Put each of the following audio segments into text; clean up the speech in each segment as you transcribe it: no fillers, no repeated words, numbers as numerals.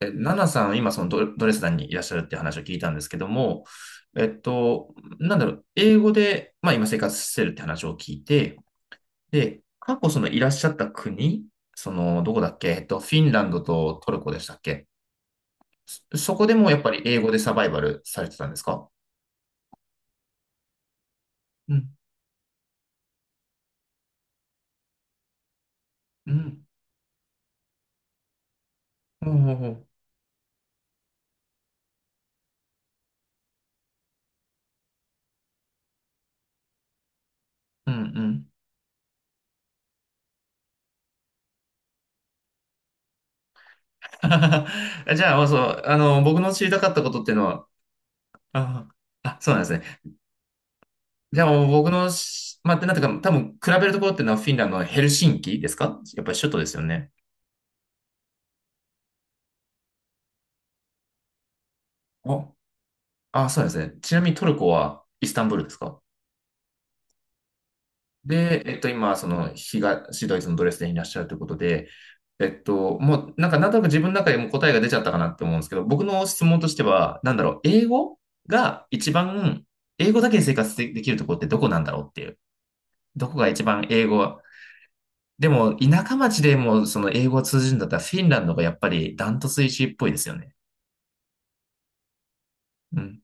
ナナさん、今そのドレスデンにいらっしゃるって話を聞いたんですけども、なんだろう、英語で、まあ今生活してるって話を聞いて、で、過去そのいらっしゃった国、その、どこだっけ、フィンランドとトルコでしたっけ？そこでもやっぱり英語でサバイバルされてたんですか？うん、うん、ほうほうほう、うん、うん。じゃあ、そう、僕の知りたかったことっていうのは、あ、あ、そうなんですね。じゃあ、僕のまあ、なんていうか、多分、比べるところっていうのはフィンランドのヘルシンキですか？やっぱり首都ですよね。お、あ、そうですね。ちなみにトルコはイスタンブールですか？で、今、その、東ドイツのドレスデンにいらっしゃるということで、もう、なんか、なんとなく自分の中でも答えが出ちゃったかなって思うんですけど、僕の質問としては、なんだろう、英語が一番、英語だけで生活できるところってどこなんだろうっていう、どこが一番英語でも、田舎町でも、その英語を通じるんだったら、フィンランドがやっぱりダントツ1位っぽいですよね。うん。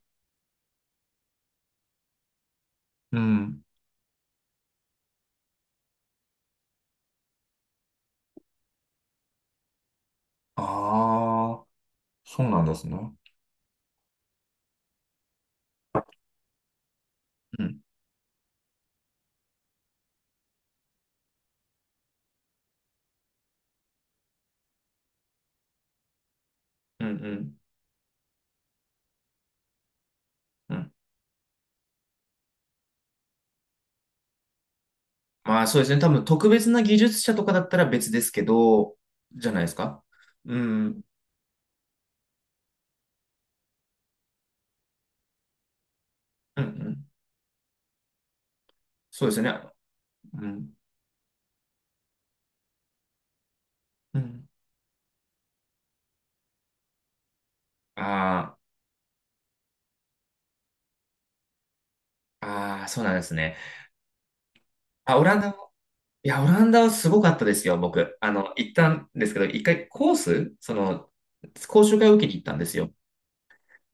うん。ああ、そうなんですね。うん。うんうんうん。まあそうですね。多分特別な技術者とかだったら別ですけど、じゃないですか。うん。うんうん。そうですね。うん。うん。ああ、ああ、そうなんですね。あ、オランダも、いや、オランダはすごかったですよ、僕。行ったんですけど、一回コース、その、講習会を受けに行ったんですよ。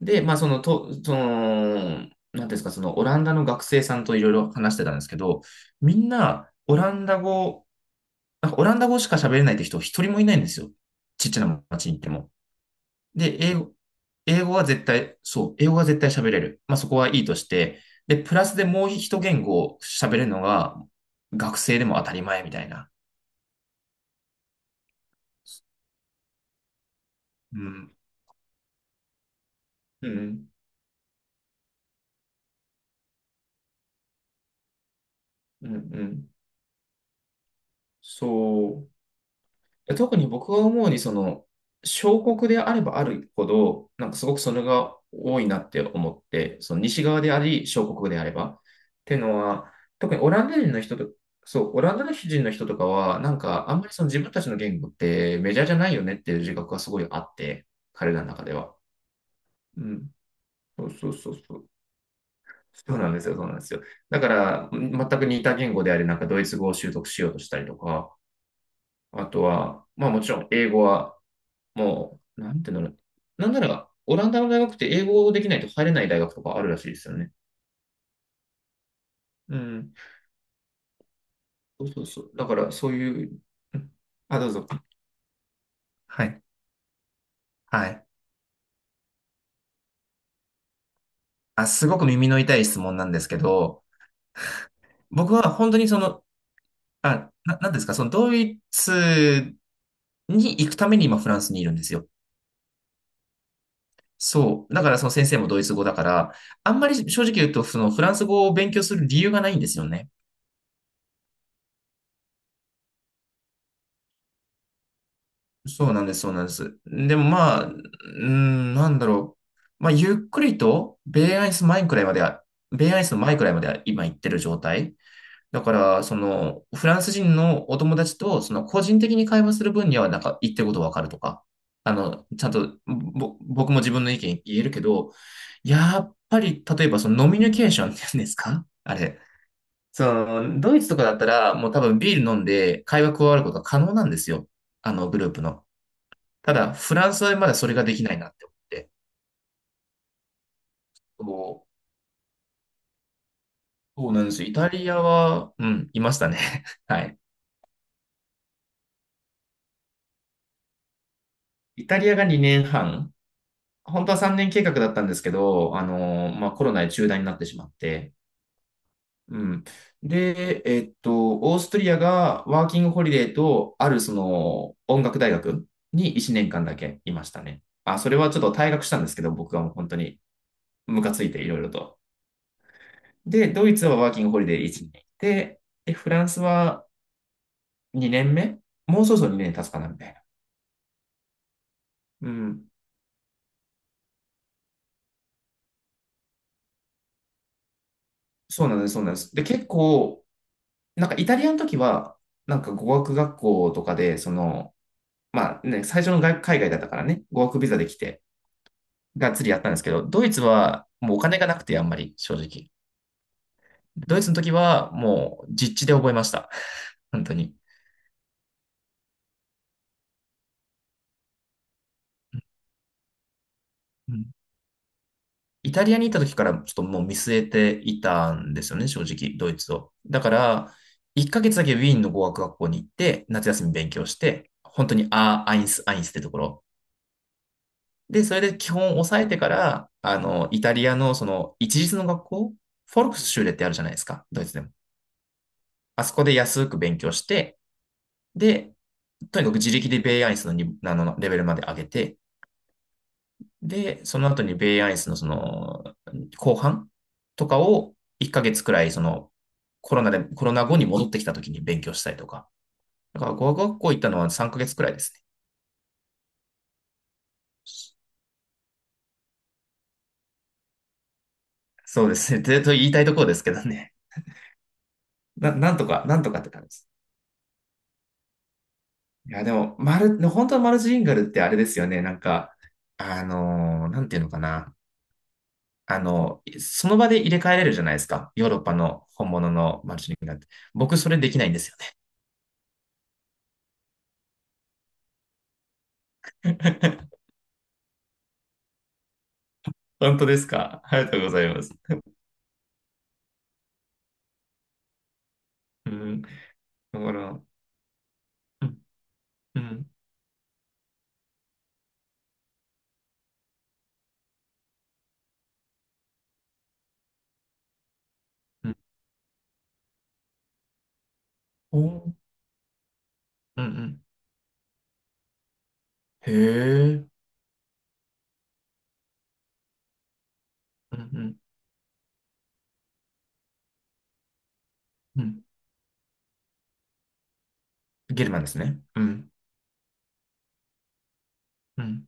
で、まあ、その、なんていうんですか、その、オランダの学生さんといろいろ話してたんですけど、みんな、オランダ語、なんかオランダ語しか喋れないって人一人もいないんですよ。ちっちゃな町に行っても。で、英語は絶対、そう、英語は絶対喋れる。まあ、そこはいいとして、で、プラスでもう一言語喋れるのが、学生でも当たり前みたいな。うん、うん、うん、うん。そう。特に僕が思うに、その、小国であればあるほど、なんかすごくそれが多いなって思って、その西側であり、小国であれば。ってのは、特にオランダ人の人と、そう、オランダ人の人とかは、なんかあんまりその自分たちの言語ってメジャーじゃないよねっていう自覚がすごいあって、彼らの中では。うん。そうそうそうそう。そうなんですよ、そうなんですよ。だから、全く似た言語であり、なんかドイツ語を習得しようとしたりとか、あとは、まあもちろん英語は、もう、なんていうんだろう。なんなら、オランダの大学って英語できないと入れない大学とかあるらしいですよね。うん。そうそうそう。だから、そういう、うん、あ、どうぞ。はい。はい。あ、すごく耳の痛い質問なんですけど、僕は本当にその、なんですか、そのドイツに行くために今フランスにいるんですよ。そう。だからその先生もドイツ語だから、あんまり正直言うと、そのフランス語を勉強する理由がないんですよね。そうなんです、そうなんです。でもまあ、うーん、なんだろう。まあ、ゆっくりと、ベイアイスの前くらいまでは今行ってる状態。だから、その、フランス人のお友達と、その、個人的に会話する分には、なんか、言ってることわかるとか、ちゃんと、僕も自分の意見言えるけど、やっぱり、例えば、その、ノミニケーションっていうんですかあれ。その、ドイツとかだったら、もう多分ビール飲んで会話加わることが可能なんですよ。グループの。ただ、フランスはまだそれができないなって思って。そうそうなんですよ。イタリアは、うん、いましたね。はい。イタリアが2年半、本当は3年計画だったんですけど、まあ、コロナで中断になってしまって、うん。で、オーストリアがワーキングホリデーと、あるその音楽大学に1年間だけいましたね。あ、それはちょっと退学したんですけど、僕はもう本当にムカついていろいろと。で、ドイツはワーキングホリデー1年で、で、フランスは2年目もうそろそろ2年経つかなみたいな。うん。そうなんです、そうなんです。で、結構、なんかイタリアの時は、なんか語学学校とかで、その、まあね、最初の海外だったからね、語学ビザで来て、がっつりやったんですけど、ドイツはもうお金がなくて、あんまり正直。ドイツの時はもう実地で覚えました。本当に。うん、イタリアに行った時からちょっともう見据えていたんですよね、正直、ドイツを。だから、1ヶ月だけウィーンの語学学校に行って、夏休み勉強して、本当にアインスってところ。で、それで基本を抑えてから、イタリアのその一律の学校、フォルクスシューレってあるじゃないですか、ドイツでも。あそこで安く勉強して、で、とにかく自力でベイアインスのにあのレベルまで上げて、で、その後にベイアイスのその、後半とかを1ヶ月くらい、その、コロナ後に戻ってきた時に勉強したりとか。だから語学学校行ったのは3ヶ月くらいですね。そうですね。でと言いたいところですけどね。なんとか、なんとかって感じです。いや、でも、本当はマルチリンガルってあれですよね。なんか、なんていうのかな。その場で入れ替えれるじゃないですか。ヨーロッパの本物のマルチリンガルって。僕、それできないんですよね。本当ですか。ありがとうございます。うん。だから、うん、うん、うん。おー、うん、うん、へえ。うん、うん、うん。ゲルマンですね。うん、うん、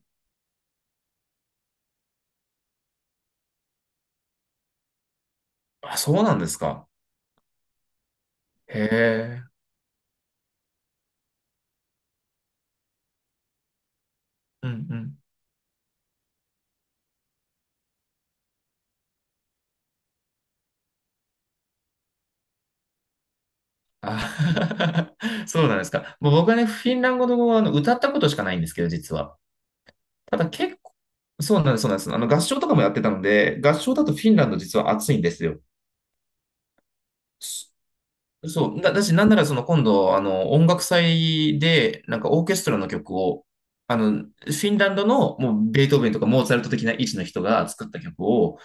あ、そうなんですか。へえ。うん、うん。あ そうなんですか。もう僕はね、フィンランド語はあの歌ったことしかないんですけど、実は。ただ結構、そうなんです、そうなんです。あの合唱とかもやってたので、合唱だとフィンランド実は暑いんですよ。そう、だし、なんならその今度、音楽祭で、なんかオーケストラの曲を、フィンランドのもうベートーベンとかモーツァルト的な位置の人が作った曲を、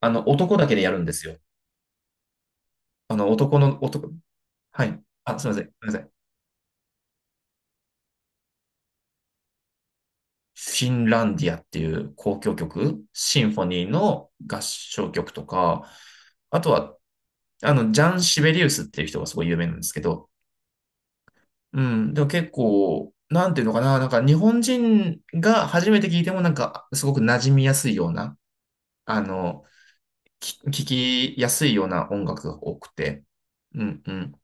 男だけでやるんですよ。男の、男、はい。あ、すいません、すめません。フィンランディアっていう交響曲、シンフォニーの合唱曲とか、あとは、ジャン・シベリウスっていう人がすごい有名なんですけど、うん。でも結構、なんていうのかな、なんか日本人が初めて聞いてもなんかすごく馴染みやすいような、あの、聞きやすいような音楽が多くて。うんうん。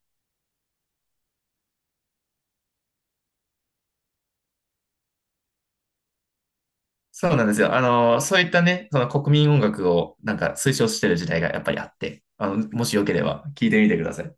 そうなんですよ。そういったね、その国民音楽をなんか推奨してる時代がやっぱりあって、もしよければ聞いてみてください。